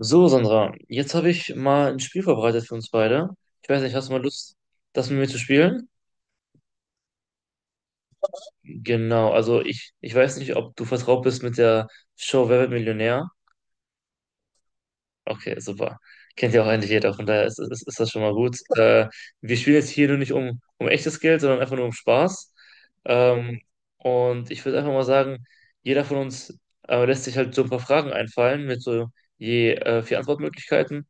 So, Sandra, jetzt habe ich mal ein Spiel vorbereitet für uns beide. Ich weiß nicht, hast du mal Lust, das mit mir zu spielen? Genau, also ich weiß nicht, ob du vertraut bist mit der Show Wer wird Millionär? Okay, super. Kennt ja auch eigentlich jeder, von daher ist das schon mal gut. Wir spielen jetzt hier nur nicht um echtes Geld, sondern einfach nur um Spaß. Ähm, und ich würde einfach mal sagen, jeder von uns lässt sich halt so ein paar Fragen einfallen mit so je vier Antwortmöglichkeiten.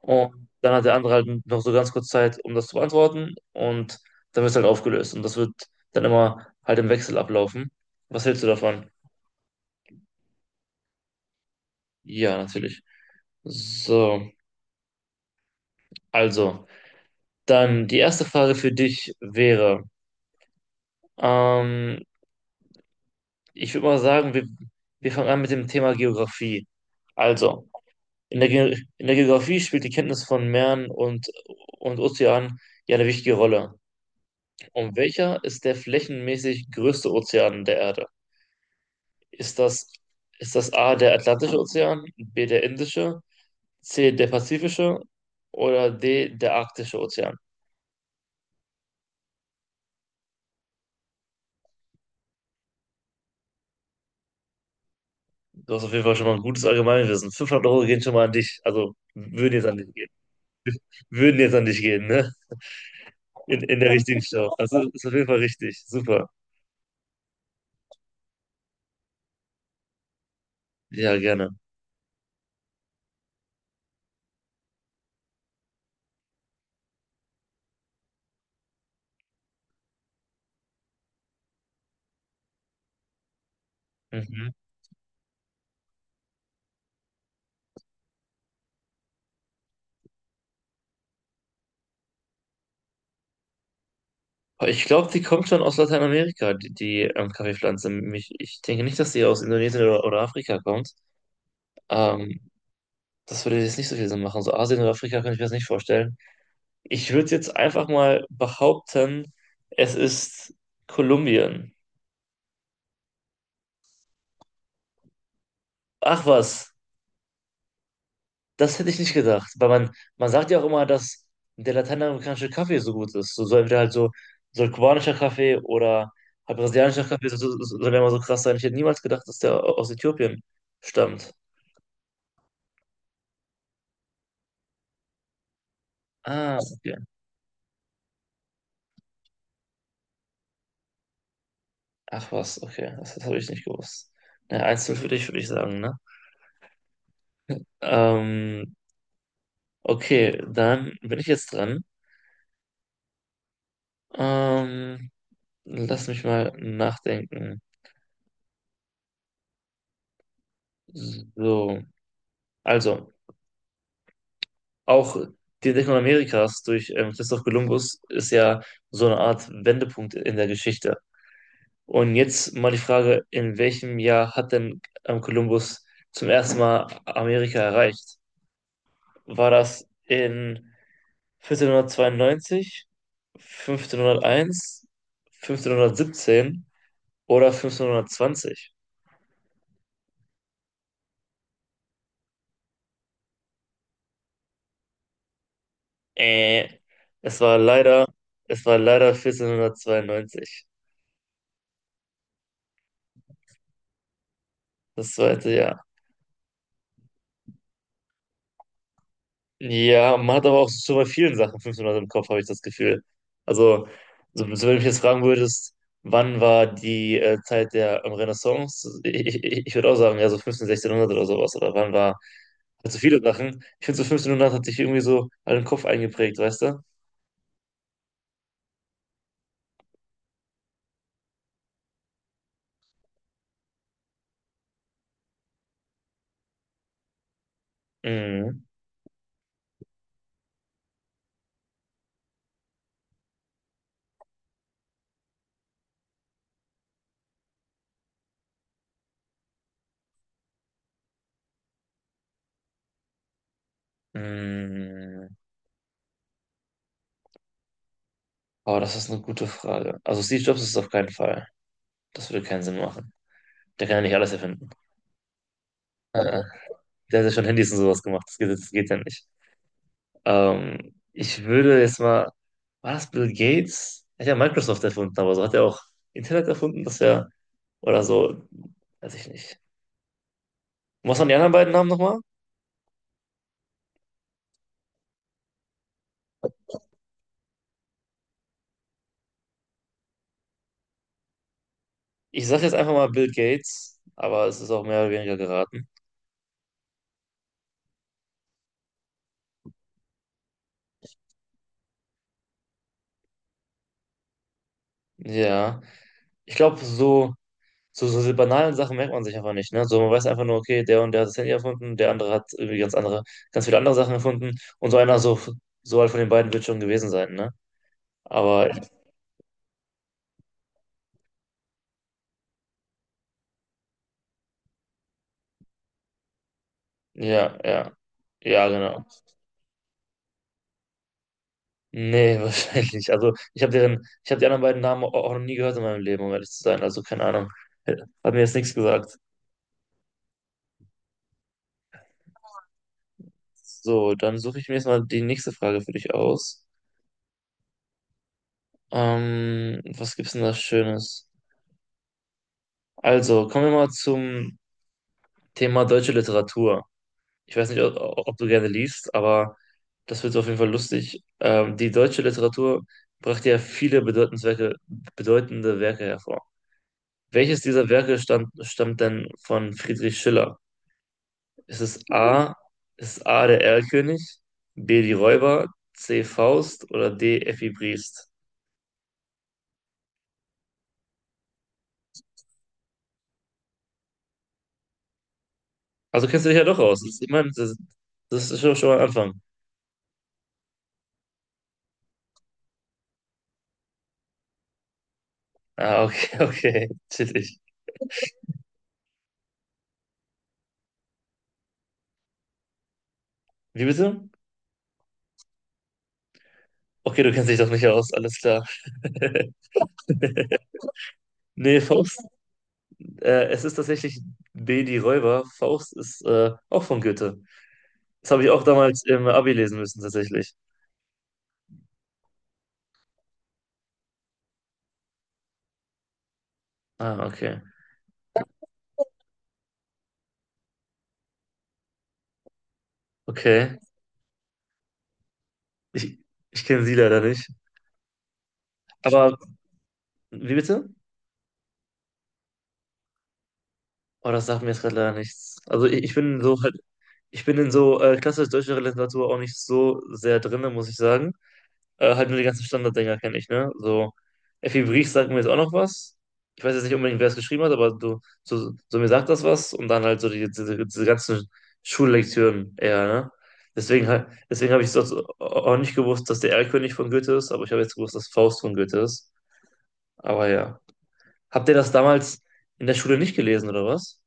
Und dann hat der andere halt noch so ganz kurz Zeit, um das zu beantworten. Und dann wird es halt aufgelöst. Und das wird dann immer halt im Wechsel ablaufen. Was hältst du davon? Ja, natürlich. So, also, dann die erste Frage für dich wäre, ähm, ich würde mal sagen, wir fangen an mit dem Thema Geografie. Also, in der, Ge in der Geografie spielt die Kenntnis von Meeren und Ozeanen ja eine wichtige Rolle. Und welcher ist der flächenmäßig größte Ozean der Erde? Ist das, Ist das A, der Atlantische Ozean, B, der Indische, C, der Pazifische oder D, der Arktische Ozean? Du hast auf jeden Fall schon mal ein gutes Allgemeinwissen. 500 Euro gehen schon mal an dich. Also würden jetzt an dich gehen. Würden jetzt an dich gehen, ne? In der richtigen Show. Also ist auf jeden Fall richtig. Super. Ja, gerne. Mhm. Aber ich glaube, die kommt schon aus Lateinamerika, die Kaffeepflanze. Ich denke nicht, dass die aus Indonesien oder Afrika kommt. Ähm, Das würde jetzt nicht so viel Sinn machen. So Asien oder Afrika könnte ich mir das nicht vorstellen. Ich würde jetzt einfach mal behaupten, es ist Kolumbien. Ach was, das hätte ich nicht gedacht. Man sagt ja auch immer, dass der lateinamerikanische Kaffee so gut ist. So entweder so kubanischer Kaffee oder halt brasilianischer Kaffee soll ja immer so krass sein. Ich hätte niemals gedacht, dass der aus Äthiopien stammt. Ah, okay. Ach was, okay. Das habe ich nicht gewusst. Na, einzeln für dich, würde ich sagen, ne? Ähm, okay, dann bin ich jetzt dran. Ähm, Lass mich mal nachdenken. So, also auch die Entdeckung Amerikas durch Christoph Kolumbus ist ja so eine Art Wendepunkt in der Geschichte. Und jetzt mal die Frage, in welchem Jahr hat denn Kolumbus zum ersten Mal Amerika erreicht? War das in 1492, 1501, 1517 oder 1520? Äh, es war leider, Es war leider 1492, das zweite Jahr. Ja, man hat aber auch schon bei vielen Sachen 500 im Kopf, habe ich das Gefühl. Also, wenn du mich jetzt fragen würdest, wann war die Zeit der Renaissance? Ich würde auch sagen, ja, so 15, 1600 oder sowas. Also viele Sachen. Ich finde, so 1500 hat sich irgendwie so all den Kopf eingeprägt, weißt du? Mhm. Mhm. Aber das ist eine gute Frage. Also, Steve Jobs ist es auf keinen Fall. Das würde keinen Sinn machen. Der kann ja nicht alles erfinden. Äh, Der hat ja schon Handys und sowas gemacht. Das geht ja nicht. Ich würde jetzt mal, War das Bill Gates? Er hat ja Microsoft erfunden, aber so hat er auch Internet erfunden, oder so, weiß ich nicht. Was waren die anderen beiden Namen nochmal? Ich sage jetzt einfach mal Bill Gates, aber es ist auch mehr oder weniger geraten. Ja, ich glaube, diese banalen Sachen merkt man sich einfach nicht, ne? So, man weiß einfach nur, okay, der und der hat das Handy erfunden, der andere hat irgendwie ganz viele andere Sachen erfunden und so halt von den beiden wird schon gewesen sein, ne? Aber ja, ja. Ja, genau. Nee, wahrscheinlich nicht. Also ich habe die anderen beiden Namen auch noch nie gehört in meinem Leben, um ehrlich zu sein. Also keine Ahnung. Hat mir jetzt nichts gesagt. So, dann suche ich mir jetzt mal die nächste Frage für dich aus. Was gibt's denn da Schönes? Also, kommen wir mal zum Thema deutsche Literatur. Ich weiß nicht, ob, Ob du gerne liest, aber das wird so auf jeden Fall lustig. Die deutsche Literatur brachte ja bedeutende Werke hervor. Welches dieser Werke stammt denn von Friedrich Schiller? Ist es A, Ist A der Erlkönig, B die Räuber, C Faust oder D Effi Briest? Also kennst du dich ja doch aus. Ich meine, das ist schon mal ein Anfang. Ah, okay, okay, chillig. Wie bitte? Okay, du kennst dich doch nicht aus, alles klar. Nee, Faust. Es ist tatsächlich B, die Räuber. Faust ist auch von Goethe. Das habe ich auch damals im Abi lesen müssen, tatsächlich. Ah, okay. Okay. Ich, Ich kenne sie leider nicht. Aber, wie bitte? Oh, das sagt mir jetzt gerade leider nichts. Also ich bin so halt, ich bin in so klassisch deutscher Literatur auch nicht so sehr drinne, muss ich sagen. Halt nur die ganzen Standarddinger kenne ich, ne? So, Effi Brief sagt mir jetzt auch noch was. Ich weiß jetzt nicht unbedingt, wer es geschrieben hat, aber du, mir sagt das was und dann halt so diese ganzen Schullektüren eher, ne? Deswegen habe ich sonst auch nicht gewusst, dass der Erlkönig von Goethe ist, aber ich habe jetzt gewusst, dass Faust von Goethe ist. Aber ja. Habt ihr das damals in der Schule nicht gelesen, oder was?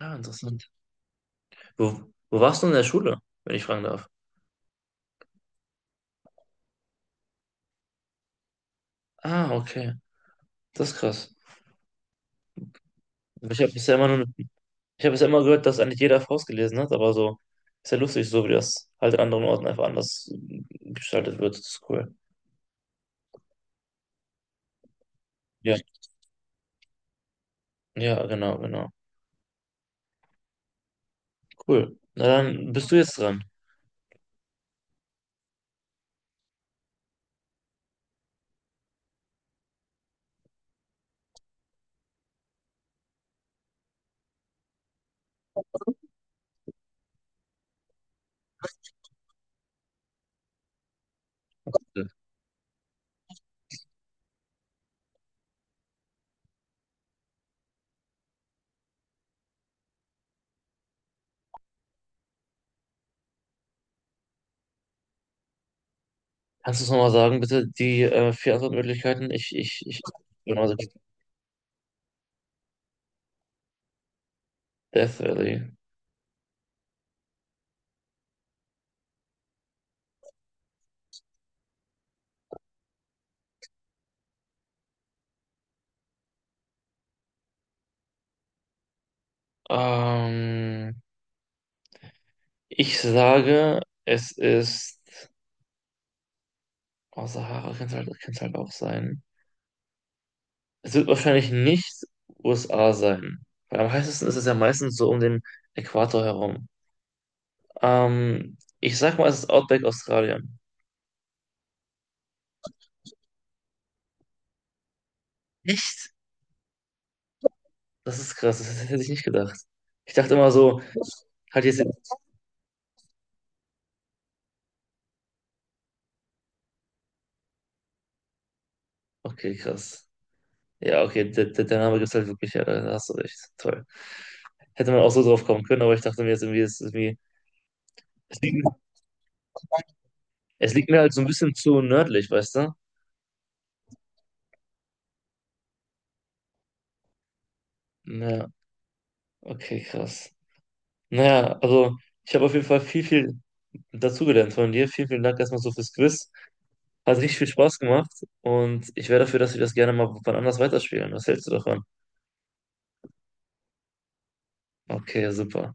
Ah, interessant. Wo warst du in der Schule, wenn ich fragen darf? Ah, okay. Das ist krass. Ich habe bisher immer nur Ich habe es ja immer gehört, dass eigentlich jeder Faust gelesen hat, aber so ist ja lustig, so wie das halt in anderen Orten einfach anders gestaltet wird. Das ist cool. Ja, ja, genau, genau. Cool. Na dann bist du jetzt dran. Ja. Kannst du es nochmal sagen, bitte, die vier Antwortmöglichkeiten? Genau, so Death Valley. Ähm, ich sage, es ist, Oh, Sahara kann es kann's halt auch sein. Es wird wahrscheinlich nicht USA sein. Weil am heißesten ist es ja meistens so um den Äquator herum. Ich sag mal, es ist Outback Australien. Echt? Das ist krass, das hätte ich nicht gedacht. Ich dachte immer so, halt jetzt. Okay, krass. Ja, okay, der Name gibt halt wirklich, ja, da hast du recht. Toll. Hätte man auch so drauf kommen können, aber ich dachte mir jetzt irgendwie, es ist irgendwie. Es liegt, Es liegt mir halt so ein bisschen zu nördlich, weißt du? Ja, okay, krass. Naja, also ich habe auf jeden Fall viel dazugelernt von dir. Vielen Dank erstmal so fürs Quiz. Hat richtig viel Spaß gemacht und ich wäre dafür, dass wir das gerne mal wann anders weiterspielen. Was hältst du davon? Okay, super.